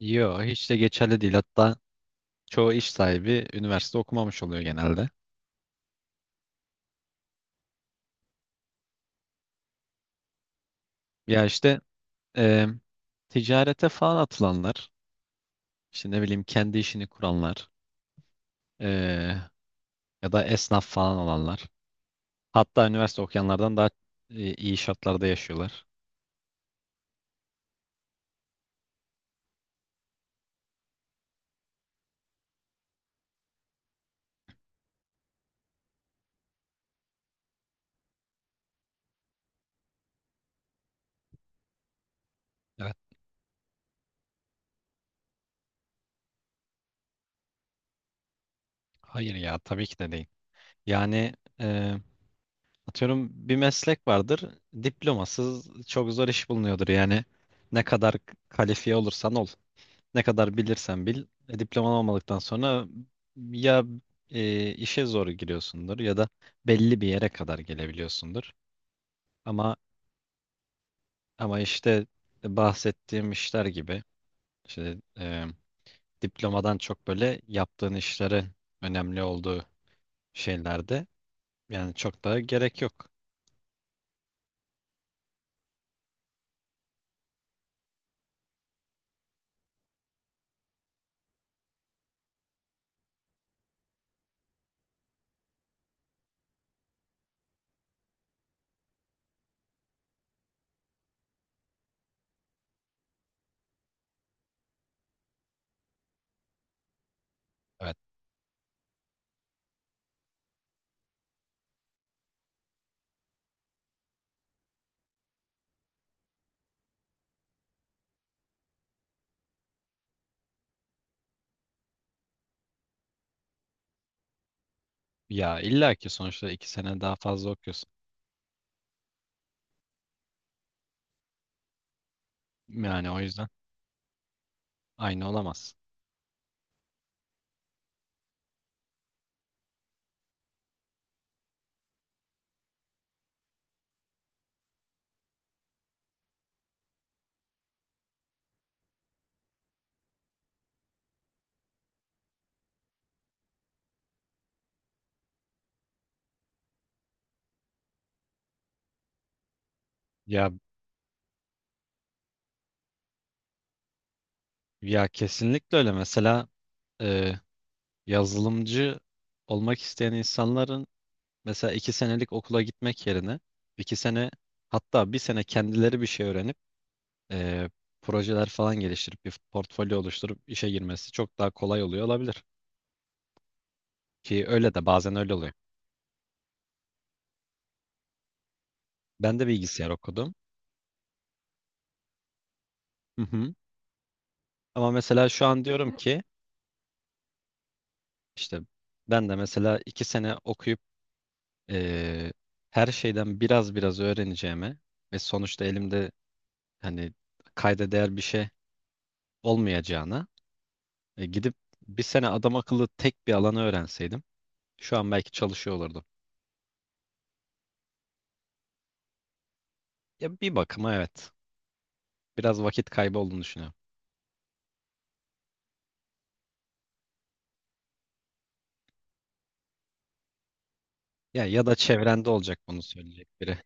Yo, hiç de geçerli değil. Hatta çoğu iş sahibi üniversite okumamış oluyor genelde. Ya işte e, ticarete falan atılanlar, işte ne bileyim kendi işini kuranlar e, ya da esnaf falan olanlar. Hatta üniversite okuyanlardan daha iyi şartlarda yaşıyorlar. Evet. Hayır ya tabii ki de değil. Yani e, atıyorum bir meslek vardır. Diplomasız çok zor iş bulunuyordur. Yani ne kadar kalifiye olursan ol. Ne kadar bilirsen bil, diploman olmadıktan sonra ya işe zor giriyorsundur ya da belli bir yere kadar gelebiliyorsundur. Ama ama işte bahsettiğim işler gibi işte diplomadan çok böyle yaptığın işlerin önemli olduğu şeylerde yani çok daha gerek yok. Evet. Ya illa ki sonuçta iki sene daha fazla okuyorsun. Yani o yüzden aynı olamaz. Ya ya kesinlikle öyle. Mesela e, yazılımcı olmak isteyen insanların mesela iki senelik okula gitmek yerine iki sene hatta bir sene kendileri bir şey öğrenip eee, projeler falan geliştirip bir portfolyo oluşturup işe girmesi çok daha kolay oluyor olabilir. Ki öyle de bazen öyle oluyor. Ben de bilgisayar okudum. Hı hı. Ama mesela şu an diyorum ki işte ben de mesela iki sene okuyup eee, her şeyden biraz biraz öğreneceğime ve sonuçta elimde hani kayda değer bir şey olmayacağına gidip bir sene adam akıllı tek bir alanı öğrenseydim şu an belki çalışıyor olurdum. Ya bir bakıma evet. Biraz vakit kaybı olduğunu düşünüyorum. Ya ya da çevrende olacak bunu söyleyecek biri.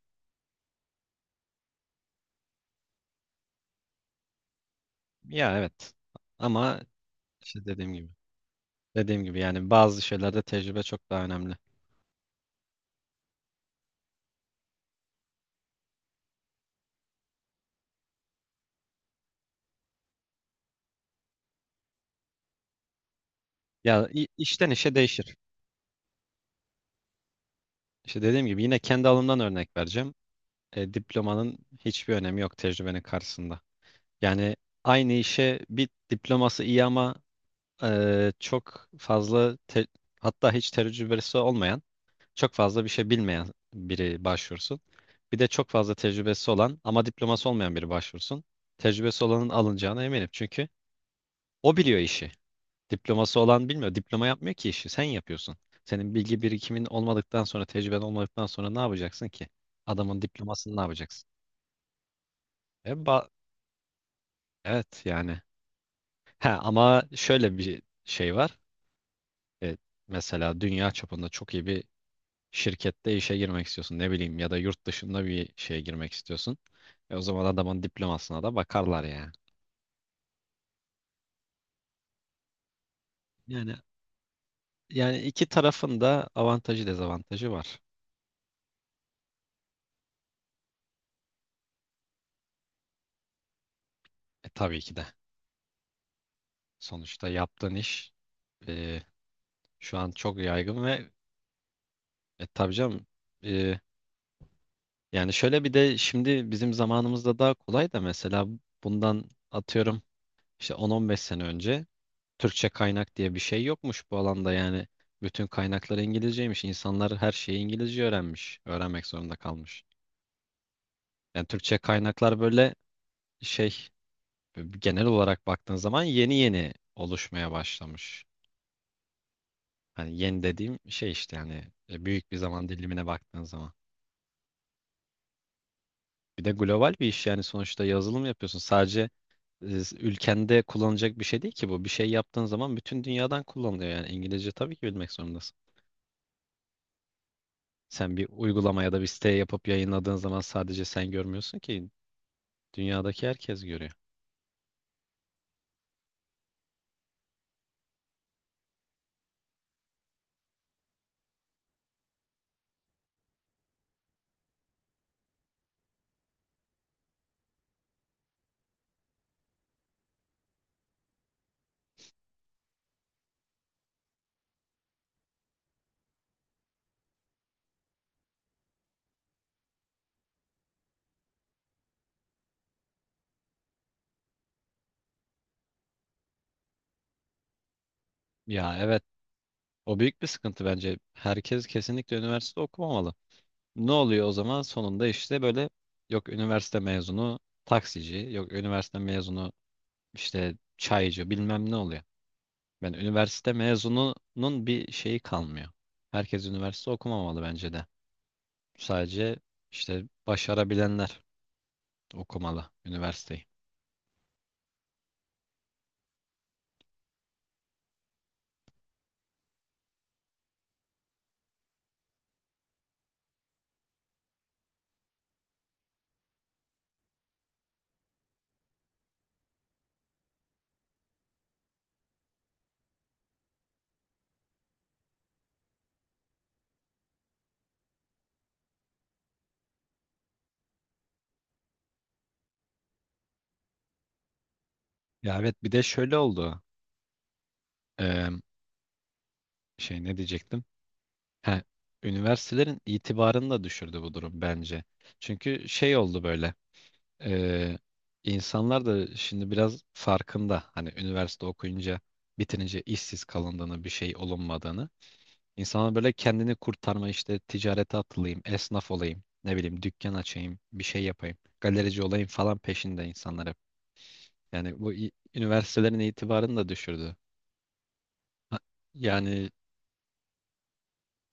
Ya evet. Ama işte dediğim gibi. Dediğim gibi yani bazı şeylerde tecrübe çok daha önemli. Ya işten işe değişir. İşte dediğim gibi yine kendi alımdan örnek vereceğim. E, diplomanın hiçbir önemi yok tecrübenin karşısında. Yani aynı işe bir diploması iyi ama çok fazla hatta hiç tecrübesi olmayan, çok fazla bir şey bilmeyen biri başvursun. Bir de çok fazla tecrübesi olan ama diploması olmayan biri başvursun. Tecrübesi olanın alınacağına eminim çünkü o biliyor işi. Diploması olan bilmiyor. Diploma yapmıyor ki işi. Sen yapıyorsun. Senin bilgi birikimin olmadıktan sonra, tecrüben olmadıktan sonra ne yapacaksın ki? Adamın diplomasını ne yapacaksın? E, ba- evet yani. Ha, ama şöyle bir şey var. E, mesela dünya çapında çok iyi bir şirkette işe girmek istiyorsun ne bileyim ya da yurt dışında bir şeye girmek istiyorsun. E o zaman adamın diplomasına da bakarlar ya. Yani yani iki tarafın da avantajı dezavantajı var. E tabii ki de. Sonuçta yaptığın iş e, şu an çok yaygın ve tabii canım e, yani şöyle bir de şimdi bizim zamanımızda daha kolay da mesela bundan atıyorum işte 10-15 sene önce Türkçe kaynak diye bir şey yokmuş bu alanda yani. Bütün kaynaklar İngilizceymiş. İnsanlar her şeyi İngilizce öğrenmiş. Öğrenmek zorunda kalmış. Yani Türkçe kaynaklar böyle şey genel olarak baktığın zaman yeni yeni oluşmaya başlamış. Hani yeni dediğim şey işte yani büyük bir zaman dilimine baktığın zaman. Bir de global bir iş yani sonuçta yazılım yapıyorsun. Sadece ülkende kullanılacak bir şey değil ki bu. Bir şey yaptığın zaman bütün dünyadan kullanılıyor. Yani İngilizce tabii ki bilmek zorundasın. Sen bir uygulama ya da bir site yapıp yayınladığın zaman sadece sen görmüyorsun ki dünyadaki herkes görüyor. Ya evet o büyük bir sıkıntı bence. Herkes kesinlikle üniversite okumamalı. Ne oluyor o zaman? Sonunda işte böyle yok üniversite mezunu taksici, yok üniversite mezunu işte çaycı bilmem ne oluyor. Ben üniversite mezununun bir şeyi kalmıyor. Herkes üniversite okumamalı bence de. Sadece işte başarabilenler okumalı üniversiteyi. Ya evet bir de şöyle oldu. Eee, şey ne diyecektim? Ha, üniversitelerin itibarını da düşürdü bu durum bence. Çünkü şey oldu böyle. eee, insanlar da şimdi biraz farkında. Hani üniversite okuyunca bitirince işsiz kalındığını, bir şey olunmadığını. İnsanlar böyle kendini kurtarma işte ticarete atılayım, esnaf olayım, ne bileyim dükkan açayım, bir şey yapayım, galerici olayım falan peşinde insanlar hep. Yani üniversitelerin itibarını da düşürdü. Ha, yani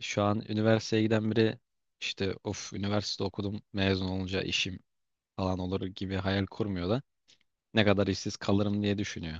şu an üniversiteye giden biri işte of üniversite okudum mezun olunca işim falan olur gibi hayal kurmuyor da ne kadar işsiz kalırım diye düşünüyor.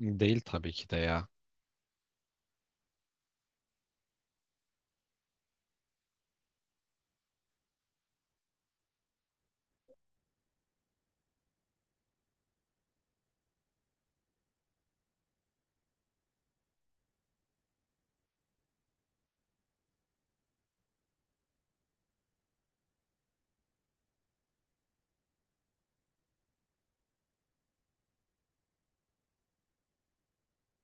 Değil tabii ki de ya.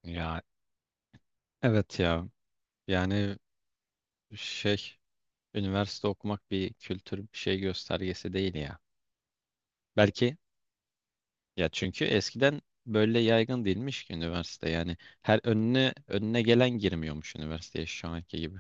Ya evet ya. Yani şey üniversite okumak bir kültür bir şey göstergesi değil ya. Belki ya çünkü eskiden böyle yaygın değilmiş ki üniversite yani her önüne gelen girmiyormuş üniversiteye şu anki gibi.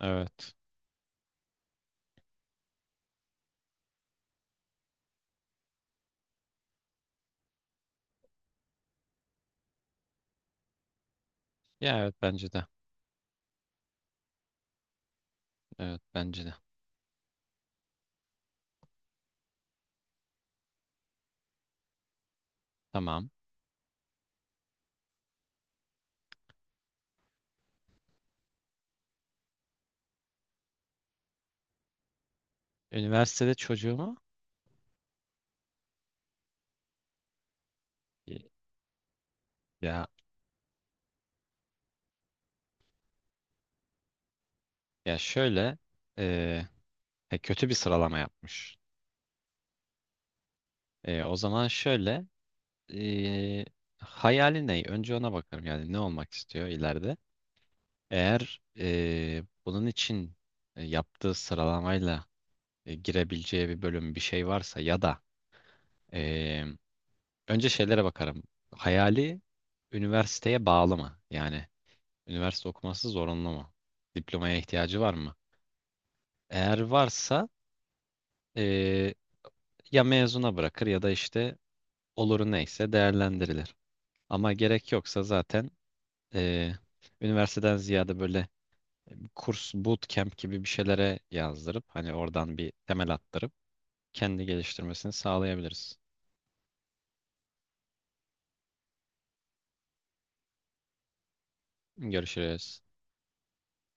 Evet. Ya evet bence de. Evet bence de. Tamam. Üniversitede çocuğumu e, ya ya şöyle e, kötü bir sıralama yapmış. E, o zaman şöyle e, hayali ne? Önce ona bakarım yani ne olmak istiyor ileride. Eğer bunun için yaptığı sıralamayla girebileceği bir bölüm bir şey varsa ya da e, önce şeylere bakarım. Hayali üniversiteye bağlı mı? Yani üniversite okuması zorunlu mu? Diplomaya ihtiyacı var mı? Eğer varsa e, ya mezuna bırakır ya da işte oluru neyse değerlendirilir. Ama gerek yoksa zaten eee, üniversiteden ziyade böyle kurs bootcamp gibi bir şeylere yazdırıp hani oradan bir temel attırıp kendi geliştirmesini sağlayabiliriz. Görüşürüz.